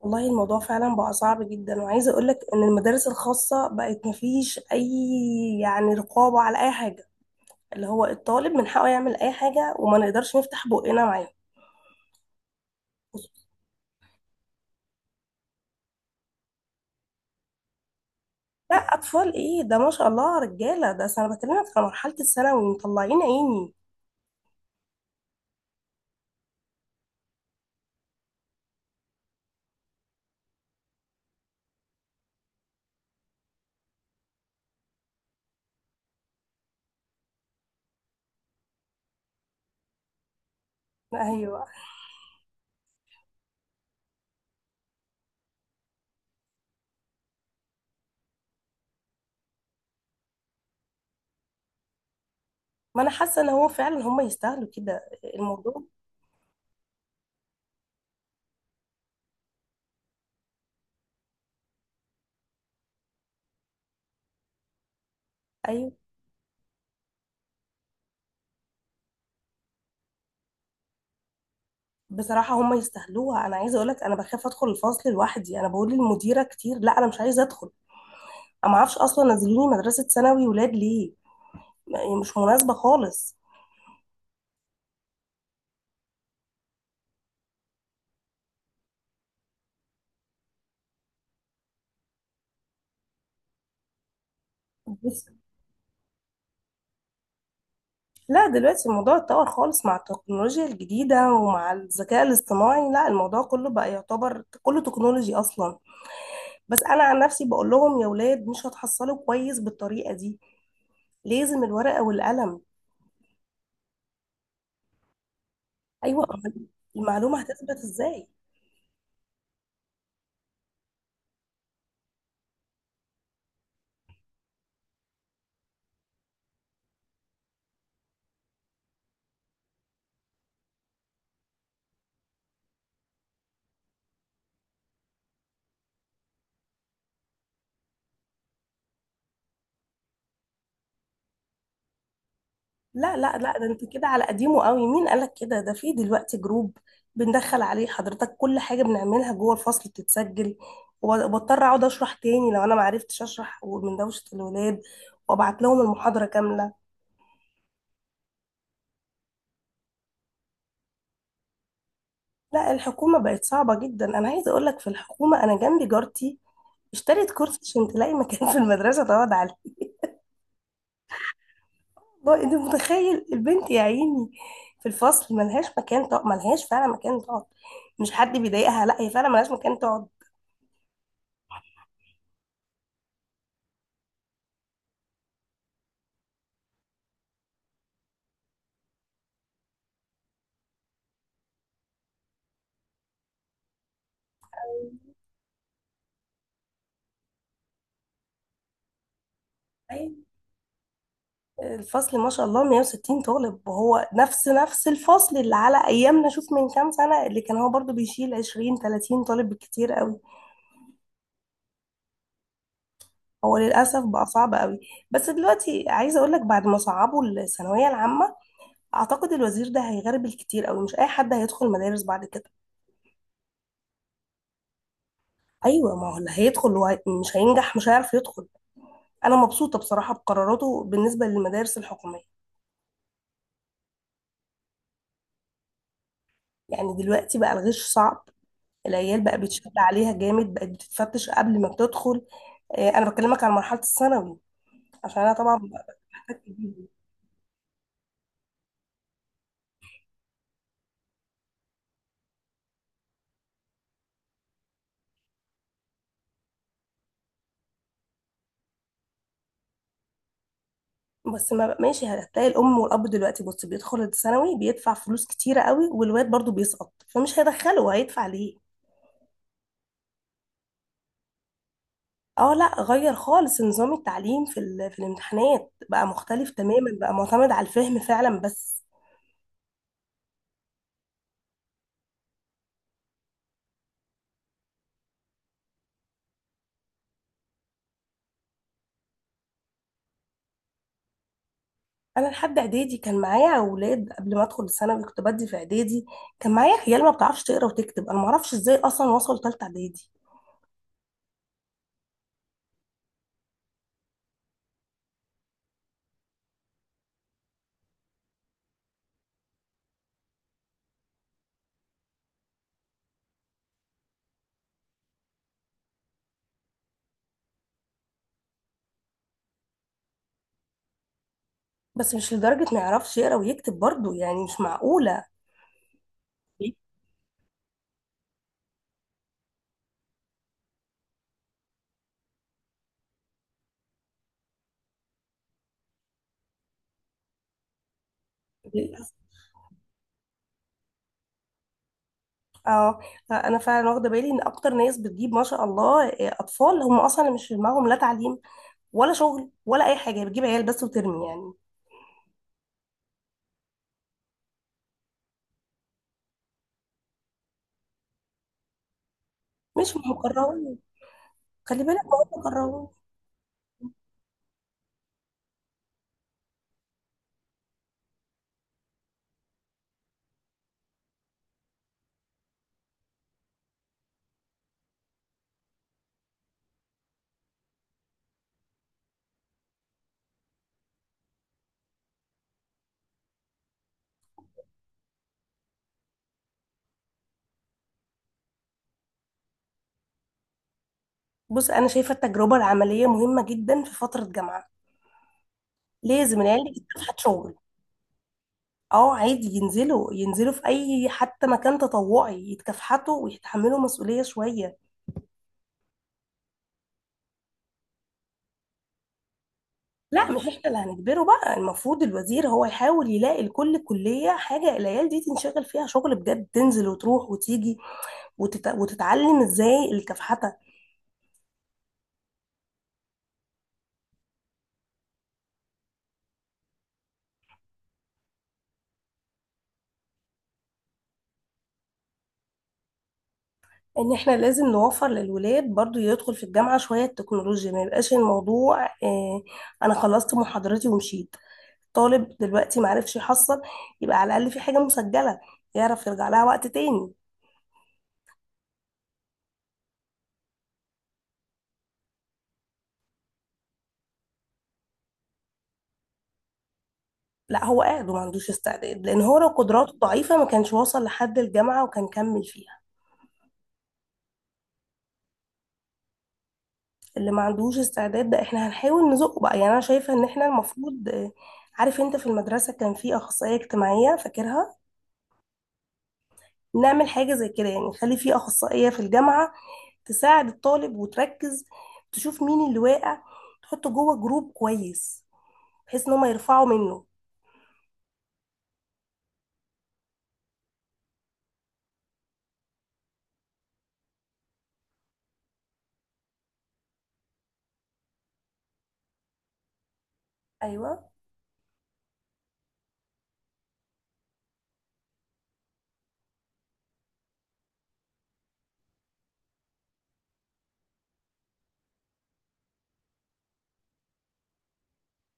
والله الموضوع فعلا بقى صعب جدا، وعايزه اقول لك ان المدارس الخاصه بقت مفيش اي، يعني، رقابه على اي حاجه. اللي هو الطالب من حقه يعمل اي حاجه وما نقدرش نفتح بقنا معاه. لا اطفال ايه ده، ما شاء الله رجاله ده. أصل انا بكلمك في مرحله الثانوي مطلعين عيني. ايوه. ما انا حاسه ان هو فعلا هم يستاهلوا كده، الموضوع. ايوه، بصراحه هم يستاهلوها. انا عايزه اقول لك، انا بخاف ادخل الفصل لوحدي. انا بقول للمديره كتير لا انا مش عايزه ادخل. انا ما اعرفش اصلا نزلوني مدرسه ثانوي ولاد ليه، هي مش مناسبة خالص. بس لا دلوقتي الموضوع اتطور خالص مع التكنولوجيا الجديدة ومع الذكاء الاصطناعي. لا الموضوع كله بقى يعتبر كله تكنولوجي أصلا. بس أنا عن نفسي بقول لهم يا ولاد مش هتحصلوا كويس بالطريقة دي، لازم الورقة والقلم. أيوة أمال، المعلومة هتثبت إزاي؟ لا لا لا، ده انت كده على قديمه قوي. مين قالك كده؟ ده في دلوقتي جروب بندخل عليه حضرتك، كل حاجة بنعملها جوه الفصل بتتسجل. وبضطر اقعد اشرح تاني لو انا معرفتش اشرح من دوشة الولاد، وابعت لهم المحاضرة كاملة. لا الحكومة بقت صعبة جدا. انا عايزة اقولك، في الحكومة انا جنبي جارتي اشترت كرسي عشان تلاقي مكان في المدرسة تقعد عليه. والله انت متخيل، البنت يا عيني في الفصل ملهاش مكان تقعد، ملهاش فعلا مكان تقعد. مش حد بيضايقها، لا هي فعلا ملهاش مكان تقعد. الفصل ما شاء الله 160 طالب. وهو نفس الفصل اللي على ايامنا، شوف من كام سنة اللي كان هو برضو بيشيل 20 30 طالب بالكتير قوي. هو للاسف بقى صعب قوي. بس دلوقتي عايزة اقول لك، بعد ما صعبوا الثانوية العامة اعتقد الوزير ده هيغرب الكتير قوي. مش اي حد هيدخل مدارس بعد كده. ايوه، ما هو اللي هيدخل مش هينجح، مش هيعرف يدخل. انا مبسوطة بصراحة بقراراته بالنسبة للمدارس الحكومية. يعني دلوقتي بقى الغش صعب، العيال بقى بيتشد عليها جامد، بقت بتتفتش قبل ما بتدخل. انا بكلمك على مرحله الثانوي عشان انا طبعا ببقى احتكت بيهم. بس ما بقى- ماشي، هتلاقي الام والاب دلوقتي بص بيدخل الثانوي بيدفع فلوس كتيره قوي، والواد برضو بيسقط، فمش هيدخله هيدفع ليه. اه لا، غير خالص نظام التعليم في الامتحانات بقى مختلف تماما، بقى معتمد على الفهم فعلا. بس انا لحد اعدادي كان معايا اولاد قبل ما ادخل الثانوي كنت بدي في اعدادي، كان معايا عيال ما بتعرفش تقرا وتكتب. انا ما اعرفش ازاي اصلا وصلوا ثالثه اعدادي. بس مش لدرجه ما يعرفش يقرا ويكتب برضو، يعني مش معقوله. اه، انا فعلا واخده بالي ان اكتر ناس بتجيب ما شاء الله اطفال هم اصلا مش في دماغهم لا تعليم ولا شغل ولا اي حاجه، بتجيب عيال بس وترمي يعني. مش مكرهون، خلي بالك هو مكرهون. بص انا شايفه التجربه العمليه مهمه جدا في فتره جامعه، لازم العيال دي تتكافحت شغل. اه عادي، ينزلوا ينزلوا في اي حتى مكان تطوعي، يتكافحتوا ويتحملوا مسؤوليه شويه. لا مش احنا اللي هنجبره بقى، المفروض الوزير هو يحاول يلاقي لكل كلية حاجة العيال دي تنشغل فيها شغل بجد، تنزل وتروح وتيجي وتتعلم ازاي الكفحتة. ان احنا لازم نوفر للولاد برضو يدخل في الجامعة شوية تكنولوجيا، ما يبقاش الموضوع اه انا خلصت محاضرتي ومشيت. طالب دلوقتي معرفش يحصل، يبقى على الأقل في حاجة مسجلة يعرف يرجع لها وقت تاني. لا هو قاعد وما عندوش استعداد، لان هو لو قدراته ضعيفة ما كانش وصل لحد الجامعة وكان كمل فيها. اللي ما عندوش استعداد ده احنا هنحاول نزقه بقى. يعني انا شايفة ان احنا المفروض، عارف انت في المدرسة كان في أخصائية اجتماعية فاكرها، نعمل حاجة زي كده يعني. خلي في أخصائية في الجامعة تساعد الطالب وتركز، تشوف مين اللي واقع تحطه جوه جروب كويس بحيث ان هم يرفعوا منه. ايوه.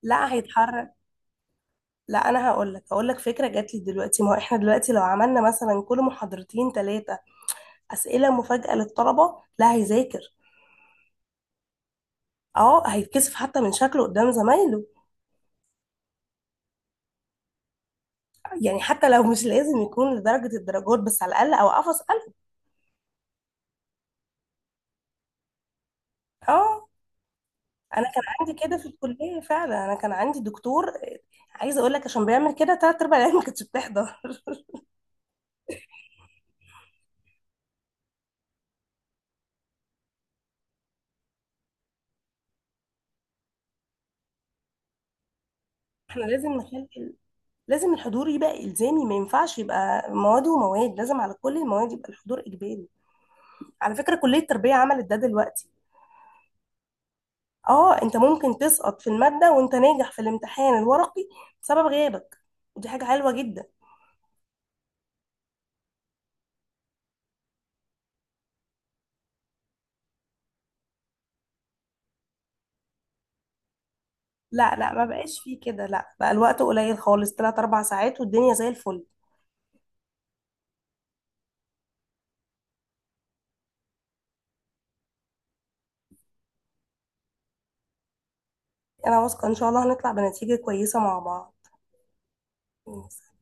لا هيتحرك. لا انا هقول لك هقول لك فكره جات لي دلوقتي، ما هو احنا دلوقتي لو عملنا مثلا كل محاضرتين ثلاثه اسئله مفاجاه للطلبه، لا هيذاكر. اه هيتكسف حتى من شكله قدام زمايله. يعني حتى لو مش لازم يكون لدرجة الدرجات، بس على الأقل أوقفه أسأله. اه، أنا كان عندي كده في الكلية فعلا. أنا كان عندي دكتور، عايزة أقول لك، عشان بيعمل كده تلات أرباع العيال ما كانتش بتحضر احنا لازم نخلي لازم الحضور يبقى إلزامي، ما ينفعش يبقى مواد ومواد، لازم على كل المواد يبقى الحضور إجباري. على فكرة كلية التربية عملت ده دلوقتي. اه، انت ممكن تسقط في المادة وانت ناجح في الامتحان الورقي بسبب غيابك، ودي حاجة حلوة جدا. لا لا، ما بقاش فيه كده، لا بقى الوقت قليل خالص، تلات أربع ساعات والدنيا زي الفل. أنا واثقة إن شاء الله هنطلع بنتيجة كويسة مع بعض.